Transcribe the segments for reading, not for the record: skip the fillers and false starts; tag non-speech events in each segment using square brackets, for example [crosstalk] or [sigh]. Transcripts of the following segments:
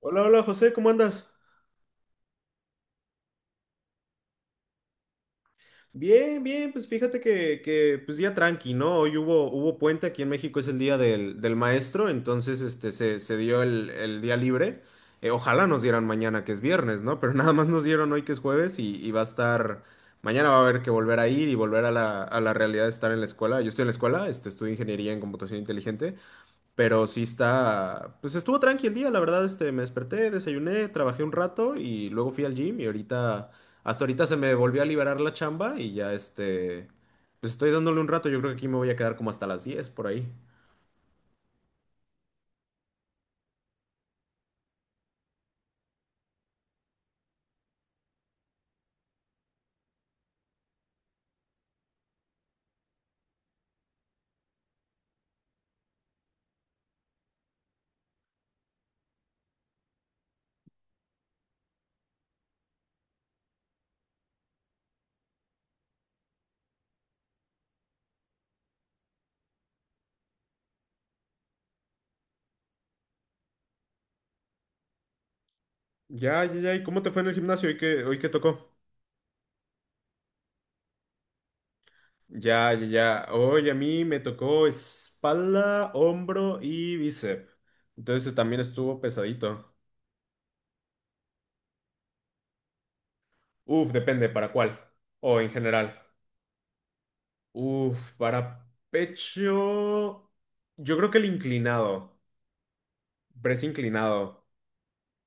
Hola, hola José, ¿cómo andas? Bien, bien, pues fíjate pues día tranqui, ¿no? Hoy hubo puente, aquí en México es el día del maestro, entonces se dio el día libre. Ojalá nos dieran mañana, que es viernes, ¿no? Pero [laughs] nada más nos dieron hoy que es jueves y va a estar, mañana va a haber que volver a ir y volver a a la realidad de estar en la escuela. Yo estoy en la escuela, estudio ingeniería en computación inteligente. Pero sí está, pues estuvo tranqui el día, la verdad, me desperté, desayuné, trabajé un rato y luego fui al gym y ahorita, hasta ahorita se me volvió a liberar la chamba y ya pues estoy dándole un rato, yo creo que aquí me voy a quedar como hasta las diez por ahí. Ya, ya, ya, ¿y cómo te fue en el gimnasio? ¿Hoy qué tocó? Ya, ya, ya, hoy a mí me tocó espalda, hombro y bíceps. Entonces también estuvo pesadito. Uf, depende, ¿para cuál? O en general. Uf, para pecho, yo creo que el inclinado, press inclinado.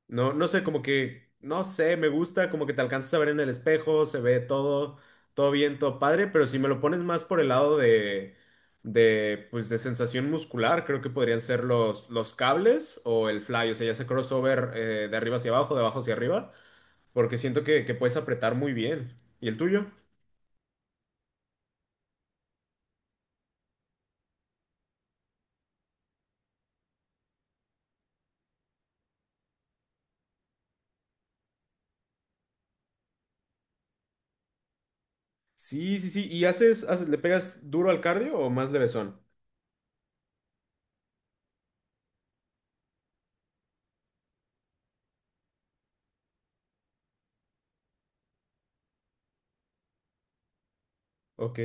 No sé, como que, no sé, me gusta, como que te alcanzas a ver en el espejo, se ve todo, todo bien, todo padre, pero si me lo pones más por el lado pues, de sensación muscular, creo que podrían ser los cables o el fly, o sea, ya sea crossover de arriba hacia abajo, de abajo hacia arriba, porque siento que puedes apretar muy bien. ¿Y el tuyo? Sí, sí, sí. ¿Y le pegas duro al cardio o más levesón? Ok.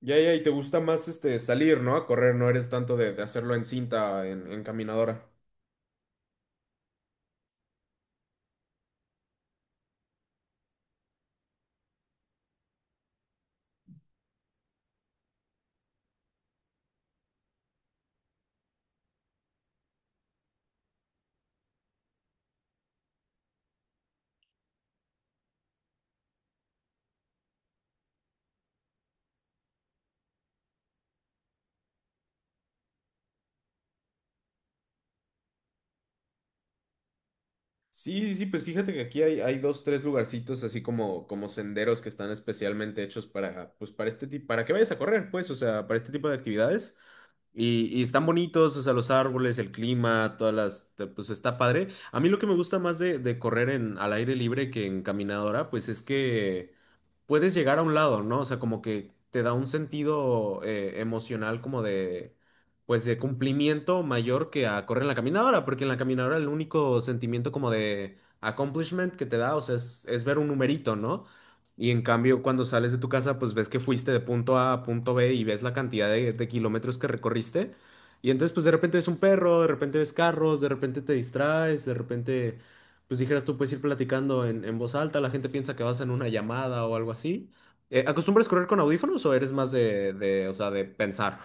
Ya, ya, y te gusta más este salir, ¿no? A correr, no eres tanto de hacerlo en cinta, en caminadora. Sí, sí, sí, pues fíjate que aquí hay dos, tres lugarcitos así como, como senderos que están especialmente hechos para, pues para este tipo, para que vayas a correr, pues, o sea, para este tipo de actividades. Y están bonitos, o sea, los árboles, el clima, todas las, te- pues está padre. A mí lo que me gusta más de correr en, al aire libre que en caminadora, pues es que puedes llegar a un lado, ¿no? O sea, como que te da un sentido emocional como de, pues de cumplimiento mayor que a correr en la caminadora, porque en la caminadora el único sentimiento como de accomplishment que te da, o sea, es ver un numerito, ¿no? Y en cambio, cuando sales de tu casa, pues ves que fuiste de punto A a punto B y ves la cantidad de kilómetros que recorriste. Y entonces, pues de repente ves un perro, de repente ves carros, de repente te distraes, de repente pues dijeras tú, puedes ir platicando en voz alta, la gente piensa que vas en una llamada o algo así. ¿Acostumbras correr con audífonos o eres más o sea, de pensar?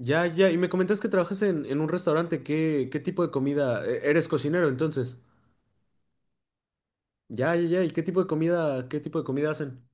Ya, ya, y me comentas que trabajas en un restaurante, ¿qué, qué tipo de comida? E- ¿Eres cocinero, entonces? Ya, ya, ya, ¿y qué tipo de comida, qué tipo de comida hacen?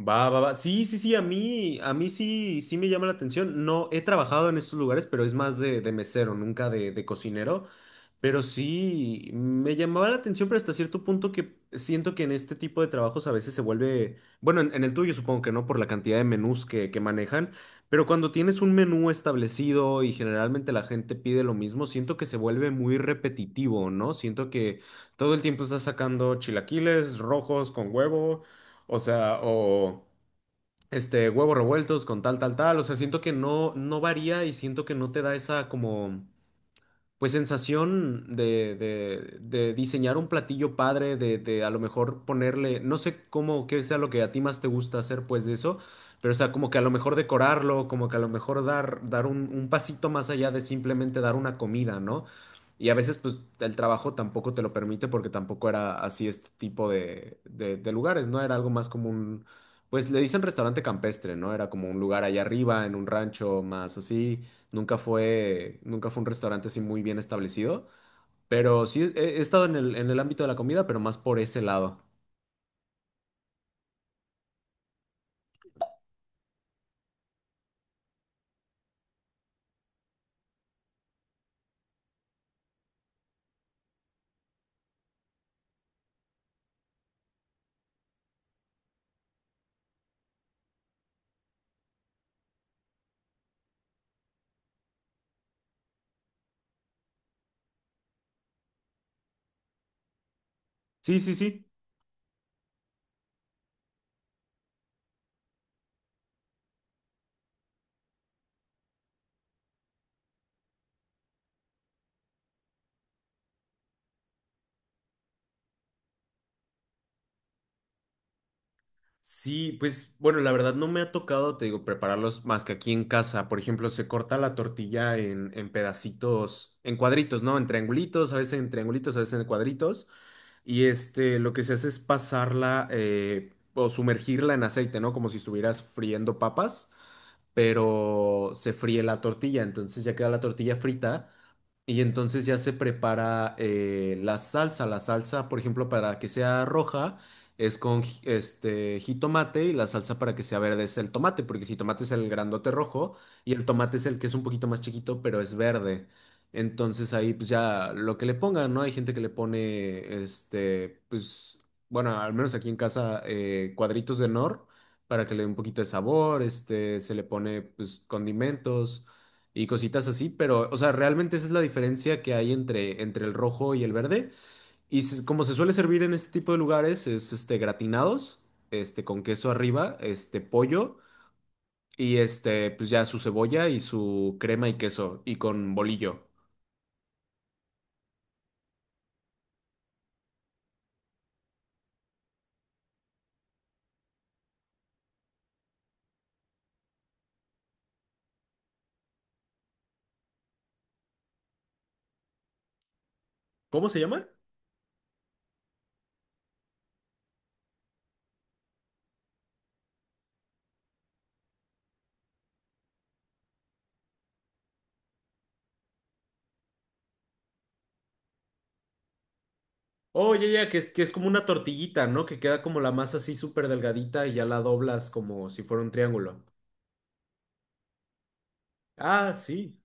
Va, va, va. Sí, sí, sí, a mí sí, sí me llama la atención. No, he trabajado en estos lugares, pero es más de mesero, nunca de cocinero. Pero sí, me llamaba la atención, pero hasta cierto punto que siento que en este tipo de trabajos a veces se vuelve, bueno, en el tuyo supongo que no, por la cantidad de menús que manejan, pero cuando tienes un menú establecido y generalmente la gente pide lo mismo, siento que se vuelve muy repetitivo, ¿no? Siento que todo el tiempo estás sacando chilaquiles rojos con huevo. O sea, o huevos revueltos con tal, tal, tal. O sea, siento que no, no varía y siento que no te da esa como pues sensación de diseñar un platillo padre, de a lo mejor ponerle, no sé cómo, qué sea lo que a ti más te gusta hacer pues de eso, pero o sea, como que a lo mejor decorarlo, como que a lo mejor dar, dar un pasito más allá de simplemente dar una comida, ¿no? Y a veces pues el trabajo tampoco te lo permite porque tampoco era así este tipo de lugares, ¿no? Era algo más como un, pues le dicen restaurante campestre, ¿no? Era como un lugar allá arriba, en un rancho más así. Nunca fue un restaurante así muy bien establecido, pero sí he estado en en el ámbito de la comida, pero más por ese lado. Sí, sí, sí. Sí, pues bueno, la verdad no me ha tocado, te digo, prepararlos más que aquí en casa. Por ejemplo, se corta la tortilla en pedacitos, en cuadritos, ¿no? En triangulitos, a veces en triangulitos, a veces en cuadritos. Y este, lo que se hace es pasarla o sumergirla en aceite, ¿no? Como si estuvieras friendo papas, pero se fríe la tortilla, entonces ya queda la tortilla frita y entonces ya se prepara la salsa. La salsa, por ejemplo, para que sea roja es con ji- este jitomate y la salsa para que sea verde es el tomate, porque el jitomate es el grandote rojo y el tomate es el que es un poquito más chiquito, pero es verde. Entonces ahí pues ya lo que le pongan, ¿no? Hay gente que le pone, este, pues, bueno, al menos aquí en casa, cuadritos de nor para que le dé un poquito de sabor, este, se le pone pues condimentos y cositas así, pero, o sea, realmente esa es la diferencia que hay entre, entre el rojo y el verde. Y se- como se suele servir en este tipo de lugares, es este gratinados, este con queso arriba, este pollo y este, pues ya su cebolla y su crema y queso y con bolillo. ¿Cómo se llama? Oh, ya, ya, que es como una tortillita, ¿no? Que queda como la masa así súper delgadita y ya la doblas como si fuera un triángulo. Ah, sí.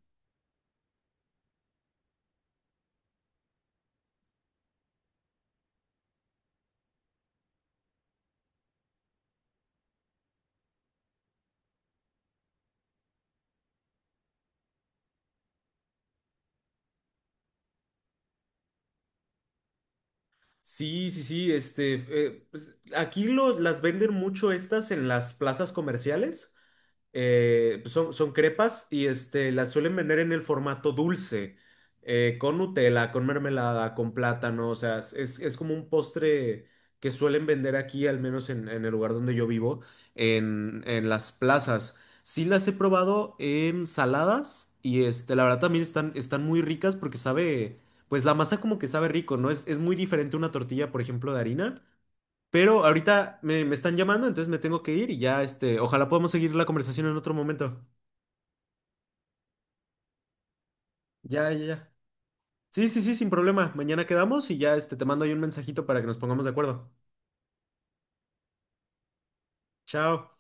Sí, sí, sí, pues, aquí lo- las venden mucho estas en las plazas comerciales. Pues, son crepas y este, las suelen vender en el formato dulce, con Nutella, con mermelada, con plátano, o sea, es como un postre que suelen vender aquí, al menos en el lugar donde yo vivo, en las plazas. Sí las he probado en saladas y este, la verdad también están, están muy ricas porque sabe, pues la masa como que sabe rico, ¿no? Es muy diferente una tortilla, por ejemplo, de harina. Pero me están llamando, entonces me tengo que ir y ya, este, ojalá podamos seguir la conversación en otro momento. Ya, ya, ya. Sí, sí, sí, sin problema. Mañana quedamos y ya, este, te mando ahí un mensajito para que nos pongamos de acuerdo. Chao.